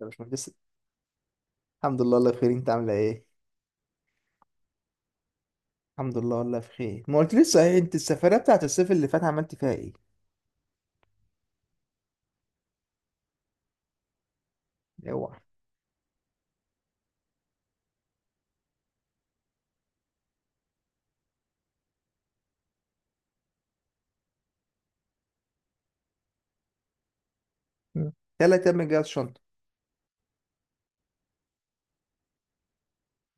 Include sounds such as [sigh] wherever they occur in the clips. ده مش مهندس. الحمد لله، الله بخير، انت عامله ايه؟ الحمد لله والله بخير، ما قلت لسه، ايه انت السفريه بتاعت الصيف اللي فات عملت فيها ايه؟ اوعى. مم. تلات ايام من جهاز شنطه؟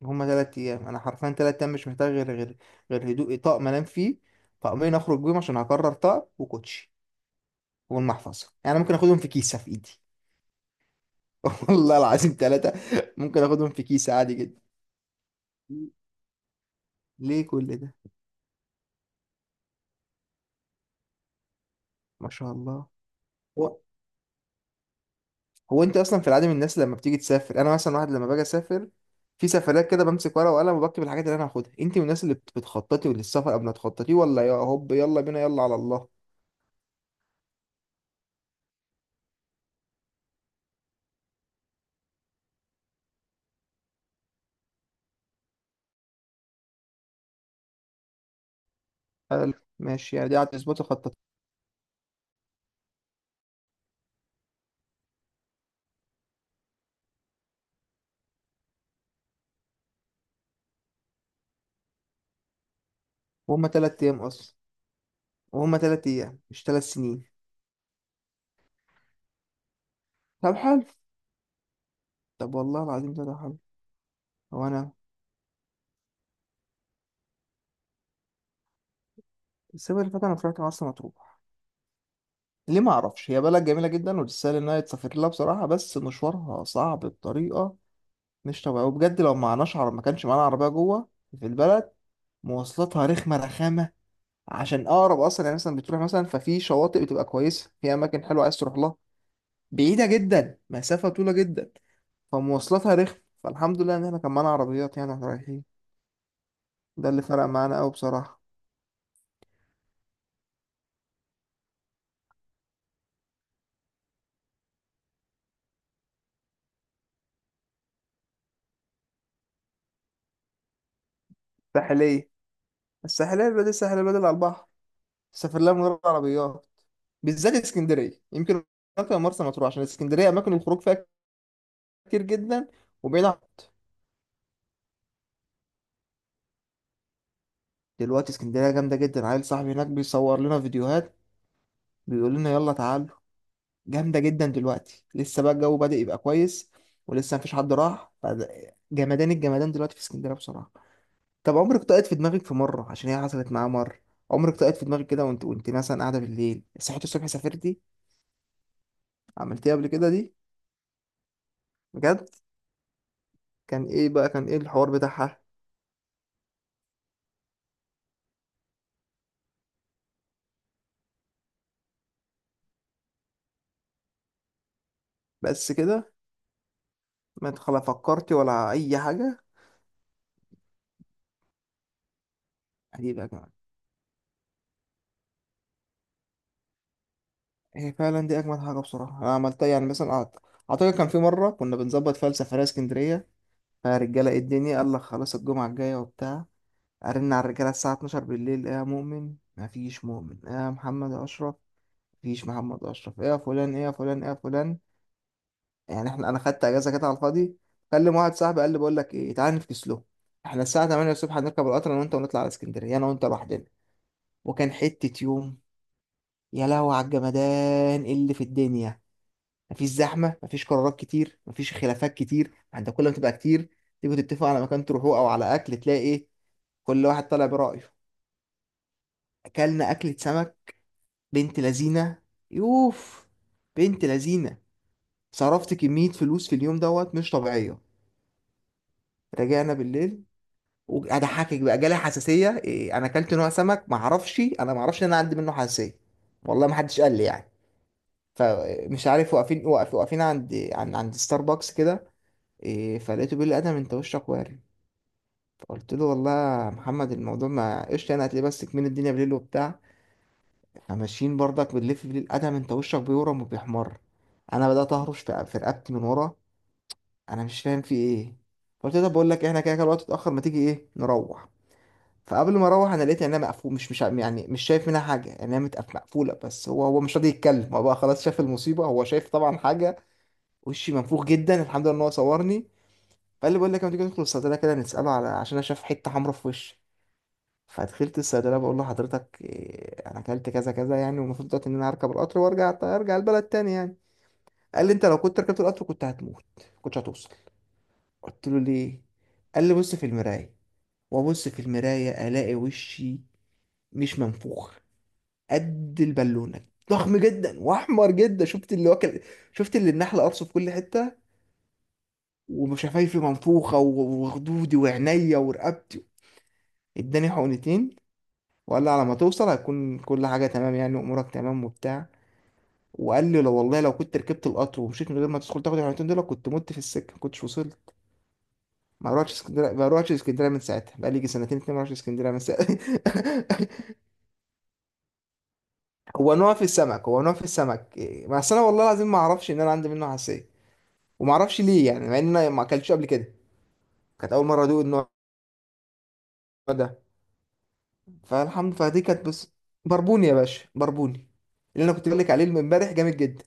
هما تلات ايام، انا حرفيا تلات ايام مش محتاج غير هدوء، طقم انام فيه، طقمين اخرج بيهم عشان هكرر طقم، وكوتشي والمحفظه. يعني أنا ممكن اخدهم في كيسه في ايدي. [laughs] والله العظيم تلاتة، ممكن اخدهم في كيسه عادي جدا. ليه كل ده؟ ما شاء الله. هو انت اصلا في العادي من الناس لما بتيجي تسافر؟ انا مثلا واحد لما باجي اسافر في سفرات كده بمسك ورقه وقلم وبكتب الحاجات اللي انا هاخدها. انت من الناس اللي بتخططي للسفر قبل ما تخططي، ولا يا هوب يلا بينا يلا على الله؟ حلو. ماشي، يعني دي قعدت اسبوع تخطط وهم تلات ايام اصلا، وهم تلات ايام مش تلات سنين. طب حلو. طب والله العظيم ده حلو. هو انا، السنه اللي فاتت انا طلعت مرسى مطروح. ليه؟ ما اعرفش، هي بلد جميله جدا وتستاهل انها يتسافر لها بصراحه، بس مشوارها صعب بطريقه مش طبيعيه، وبجد لو معناش عرب ما كانش معانا عربيه جوه في البلد. مواصلاتها رخمة، رخامة عشان أقرب. أصلا يعني مثلا بتروح، مثلا ففي شواطئ بتبقى كويسة في أماكن حلوة عايز تروح لها، بعيدة جدا، مسافة طويلة جدا. فمواصلاتها رخمة، فالحمد لله إن إحنا كان معانا عربيات يعني وإحنا رايحين. ده اللي فرق معانا أوي بصراحة. الساحلية، الساحلية البلد، الساحلية البلد على البحر سافر لها من غير عربيات، بالذات اسكندرية يمكن أكتر من مرسى مطروح، عشان اسكندرية أماكن الخروج فيها كتير جدا. وبعيد عن- دلوقتي اسكندرية جامدة جدا، عيل صاحبي هناك بيصور لنا فيديوهات، بيقول لنا يلا تعال. جامدة جدا دلوقتي، لسه بقى الجو بدأ يبقى كويس، ولسه مفيش حد راح. جمدان الجمدان دلوقتي في اسكندرية بصراحة. طب عمرك طقت في دماغك في مرة؟ عشان هي حصلت معايا مرة. عمرك طقت في دماغك كده وانت، وانت مثلا قاعدة بالليل صحيت الصبح سافرتي، عملتيها قبل كده دي؟ بجد؟ كان ايه بقى، كان ايه الحوار بتاعها؟ بس كده، ما تخلا فكرتي ولا أي حاجة؟ عجيبة يا جماعة. هي فعلا دي أجمد حاجة بصراحة أنا عملتها. يعني مثلا أعتقد كان في مرة كنا بنظبط فيها السفرية اسكندرية، فالرجالة ايه الدنيا، قال لك خلاص الجمعة الجاية وبتاع. ارن على الرجاله الساعه 12 بالليل، ايه يا مؤمن؟ مفيش مؤمن. ايه يا محمد يا اشرف؟ مفيش محمد اشرف. ايه يا فلان، ايه يا فلان، ايه يا فلان؟ يعني احنا، انا خدت اجازه كده على الفاضي، كلم واحد صاحبي قال لي بقول لك ايه، تعالى نفكس له، احنا الساعه 8 الصبح هنركب القطر انا وانت ونطلع على اسكندريه انا وانت لوحدنا. وكان حته يوم، يا لهوي على الجمدان، إيه اللي في الدنيا، مفيش زحمه، مفيش قرارات كتير، مفيش خلافات كتير، انت كل ما تبقى كتير تيجوا تتفقوا على مكان تروحوه او على اكل، تلاقي ايه كل واحد طالع برأيه. اكلنا اكلة سمك بنت لذينة. يوف، بنت لذينة. صرفت كمية فلوس في اليوم دوت مش طبيعية. رجعنا بالليل، وأضحكك بقى جالي حساسية. إيه، أنا أكلت نوع سمك معرفش، أنا معرفش إن أنا عندي منه حساسية، والله محدش قال لي يعني. فمش عارف واقفين، واقفين عند عند ستاربكس كده. إيه، فلقيته بيقول لي أدم أنت وشك وارم. فقلت له والله يا محمد الموضوع ما قشطة، أنا هتلاقيه بس كمين، الدنيا بالليل وبتاع. احنا ماشيين برضك بنلف بيه القدم، انت وشك بيورم وبيحمر. انا بدات اهرش في رقبتي من ورا. انا مش فاهم في ايه. قلت ده بقول لك احنا كده كده الوقت اتاخر، ما تيجي ايه نروح. فقبل ما اروح انا لقيت عينيها مقفول، مش يعني مش شايف منها حاجه، عينيها مقفوله، بس هو مش راضي يتكلم، هو بقى خلاص شاف المصيبه، هو شايف طبعا حاجه. وشي منفوخ جدا، الحمد لله ان هو صورني. فقال لي بقول لك ما تيجي ندخل الصيدليه كده نساله، على عشان انا شايف حته حمراء في وشي. فدخلت الصيدليه بقول له حضرتك إيه، انا اكلت كذا كذا يعني والمفروض دلوقتي ان انا هركب القطر وارجع، ارجع البلد تاني يعني. قال لي انت لو كنت ركبت القطر كنت هتموت، كنتش هتوصل. قلت له ليه؟ قال لي بص في المرايه. وابص في المرايه الاقي وشي مش منفوخ، قد البالونه، ضخم جدا واحمر جدا. شفت اللي واكل، شفت اللي النحل قرصه في كل حته. وشفايفي منفوخه وخدودي وعينيا ورقبتي. اداني حقنتين وقال لي على ما توصل هتكون كل حاجه تمام يعني وامورك تمام وبتاع. وقال لي لو، والله لو كنت ركبت القطر ومشيت من غير ما تدخل تاخد الحاجتين دول كنت مت في السكه، ما كنتش وصلت. ما روحتش اسكندريه، ما روحتش اسكندريه من ساعتها، بقى لي يجي سنتين اتنين ما روحتش اسكندريه من ساعتها. [laughs] هو نوع في السمك، هو نوع في السمك، إيه، بس انا والله العظيم ما اعرفش ان انا عندي منه حساسيه، وما اعرفش ليه يعني، مع ان انا ما اكلتش قبل كده، كانت اول مره ادوق النوع ده. فالحمد، فدي كانت بس بربوني يا باشا، بربوني، اللي انا كنت بقول لك عليه من امبارح، جامد جدا.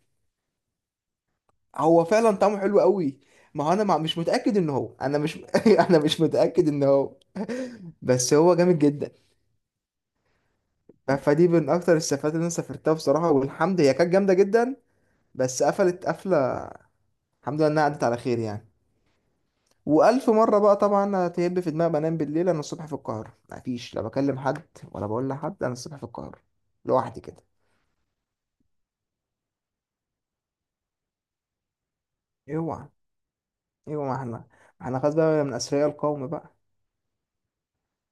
هو فعلا طعمه حلو قوي. ما هو انا مش متاكد ان هو، انا مش [laughs] انا مش متاكد ان هو. [laughs] بس هو جامد جدا. فدي من اكتر السفرات اللي انا سافرتها بصراحه، والحمد، هي كانت جامده جدا، بس قفلت قفله، الحمد لله انها عدت على خير يعني. والف مره بقى طبعا هتهب في دماغي، بنام بالليل انا الصبح في القاهره، مفيش لا بكلم حد ولا بقول لحد انا الصبح في القاهره، لوحدي كده. اوعى، اوعى، ما احنا خلاص بقى من اثرياء القوم بقى.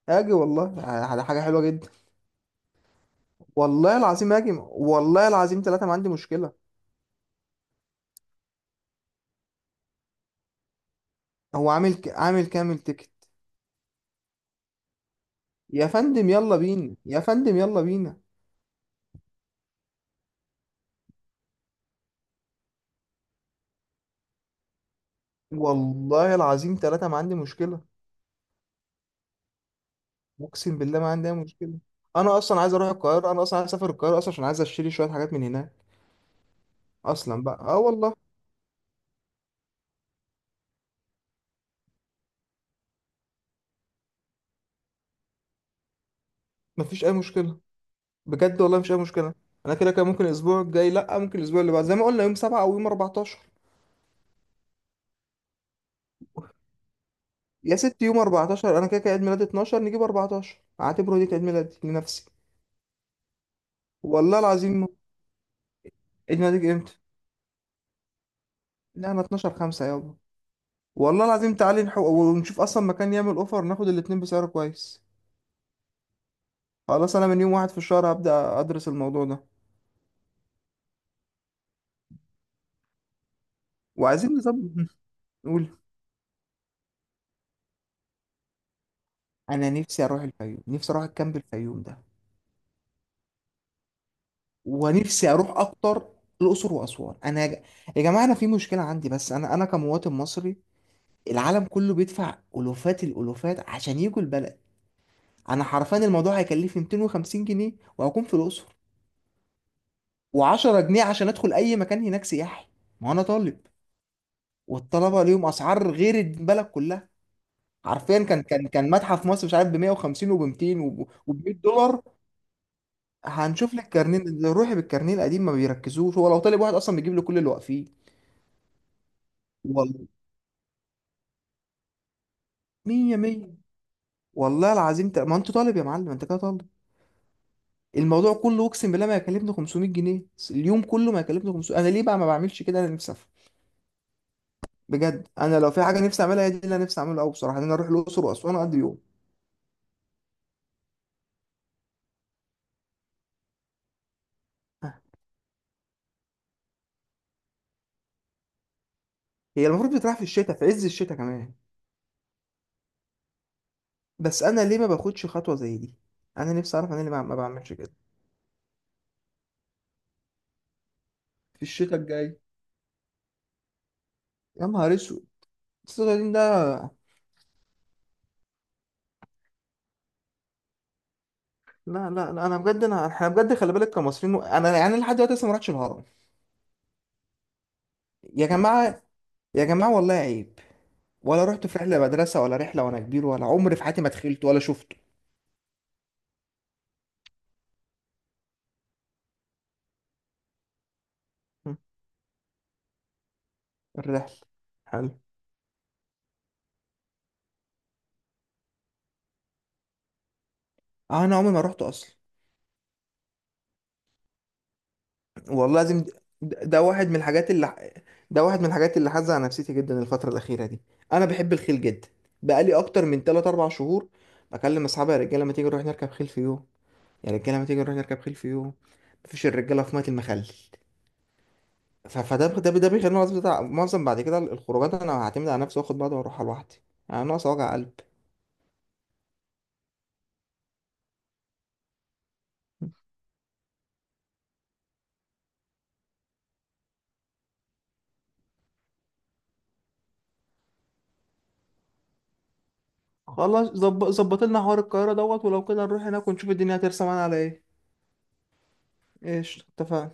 اجي والله، حاجه حلوه جدا. والله العظيم هاجم، والله العظيم ثلاثة ما عندي مشكلة. هو عامل عامل كامل تيكت. يا فندم يلا بينا، يا فندم يلا بينا. والله العظيم ثلاثة ما عندي مشكلة. أقسم بالله ما عندي أي مشكلة. أنا أصلا عايز أروح القاهرة، أنا أصلا عايز أسافر القاهرة أصلا، عشان عايز أشتري شوية حاجات من هناك أصلا بقى. أه والله مفيش أي مشكلة، بجد والله مفيش أي مشكلة. أنا كده كده ممكن الأسبوع الجاي، لأ ممكن الأسبوع اللي بعد، زي ما قلنا يوم سبعة أو يوم 14. يا ست يوم 14، أنا كده كده عيد ميلادي 12، نجيب 14 أعتبره دي كعيد ميلادي لنفسي. والله العظيم. عيد ميلادك امتى؟ نعمة، 12 5 يابا. والله العظيم تعالي نحو ونشوف اصلا مكان يعمل اوفر، ناخد الاتنين بسعر كويس. خلاص انا من يوم واحد في الشهر هبدأ ادرس الموضوع ده، وعايزين نظبط. [laughs] نقول، انا نفسي اروح الفيوم، نفسي اروح الكامب الفيوم ده. ونفسي اروح اكتر الاقصر واسوان. انا يا يا جماعه، انا في مشكله عندي، بس انا كمواطن مصري، العالم كله بيدفع الوفات الالوفات عشان يجوا البلد. انا حرفيا الموضوع هيكلفني 250 جنيه وهكون في الاقصر، و10 جنيه عشان ادخل اي مكان هناك سياحي، ما انا طالب، والطلبه ليهم اسعار غير البلد كلها. حرفيا كان متحف مصر مش عارف ب 150 وب 200 وب 100 دولار. هنشوف لك كارنيه، لو روحي بالكارنيه القديم ما بيركزوش، هو لو طالب واحد اصلا بيجيب له كل اللي واقفين. والله 100 100. والله العظيم ما انت طالب يا معلم، انت كده طالب. الموضوع كله اقسم بالله ما يكلفني 500 جنيه، اليوم كله ما يكلفني 500. انا ليه بقى ما بعملش كده؟ انا نفسي أفهم. بجد انا لو في حاجه نفسي اعملها هي دي اللي انا نفسي اعملها قوي بصراحه، ان انا اروح الاقصر واسوان اقضي يوم. هي المفروض بتتراح في الشتاء، في عز الشتاء كمان. بس انا ليه ما باخدش خطوه زي دي؟ انا نفسي اعرف انا ليه ما بعملش كده. في الشتاء الجاي. يا نهار اسود، الصغيرين ده. لا لا لا، انا بجد انا، احنا بجد خلي بالك كمصريين، انا يعني لحد دلوقتي لسه ما رحتش الهرم. يا جماعه، يا جماعه والله عيب. ولا رحت في رحله مدرسه ولا رحله وانا كبير، ولا عمري في حياتي ما دخلت ولا شفته. هم، الرحله. حلو، انا عمري ما رحت اصلا. والله لازم، ده واحد من الحاجات اللي، ده واحد من الحاجات اللي حازه على نفسيتي جدا الفترة الأخيرة دي. أنا بحب الخيل جدا، بقالي أكتر من 3 4 شهور بكلم أصحابي يا رجالة ما تيجي نروح نركب خيل في يوم. يا رجالة ما تيجي نروح نركب خيل في يوم. مفيش، الرجالة في مية المخلل. فده ده ده بيخليني معظم بتاع، معظم بعد كده الخروجات أنا هعتمد على نفسي وآخد بعض وأروح لوحدي، يعني ناقص وجع قلب. خلاص، ظبط ظبط لنا حوار القاهرة دوت، ولو كده نروح هناك ونشوف الدنيا هترسم معانا على إيه. إيش اتفقنا؟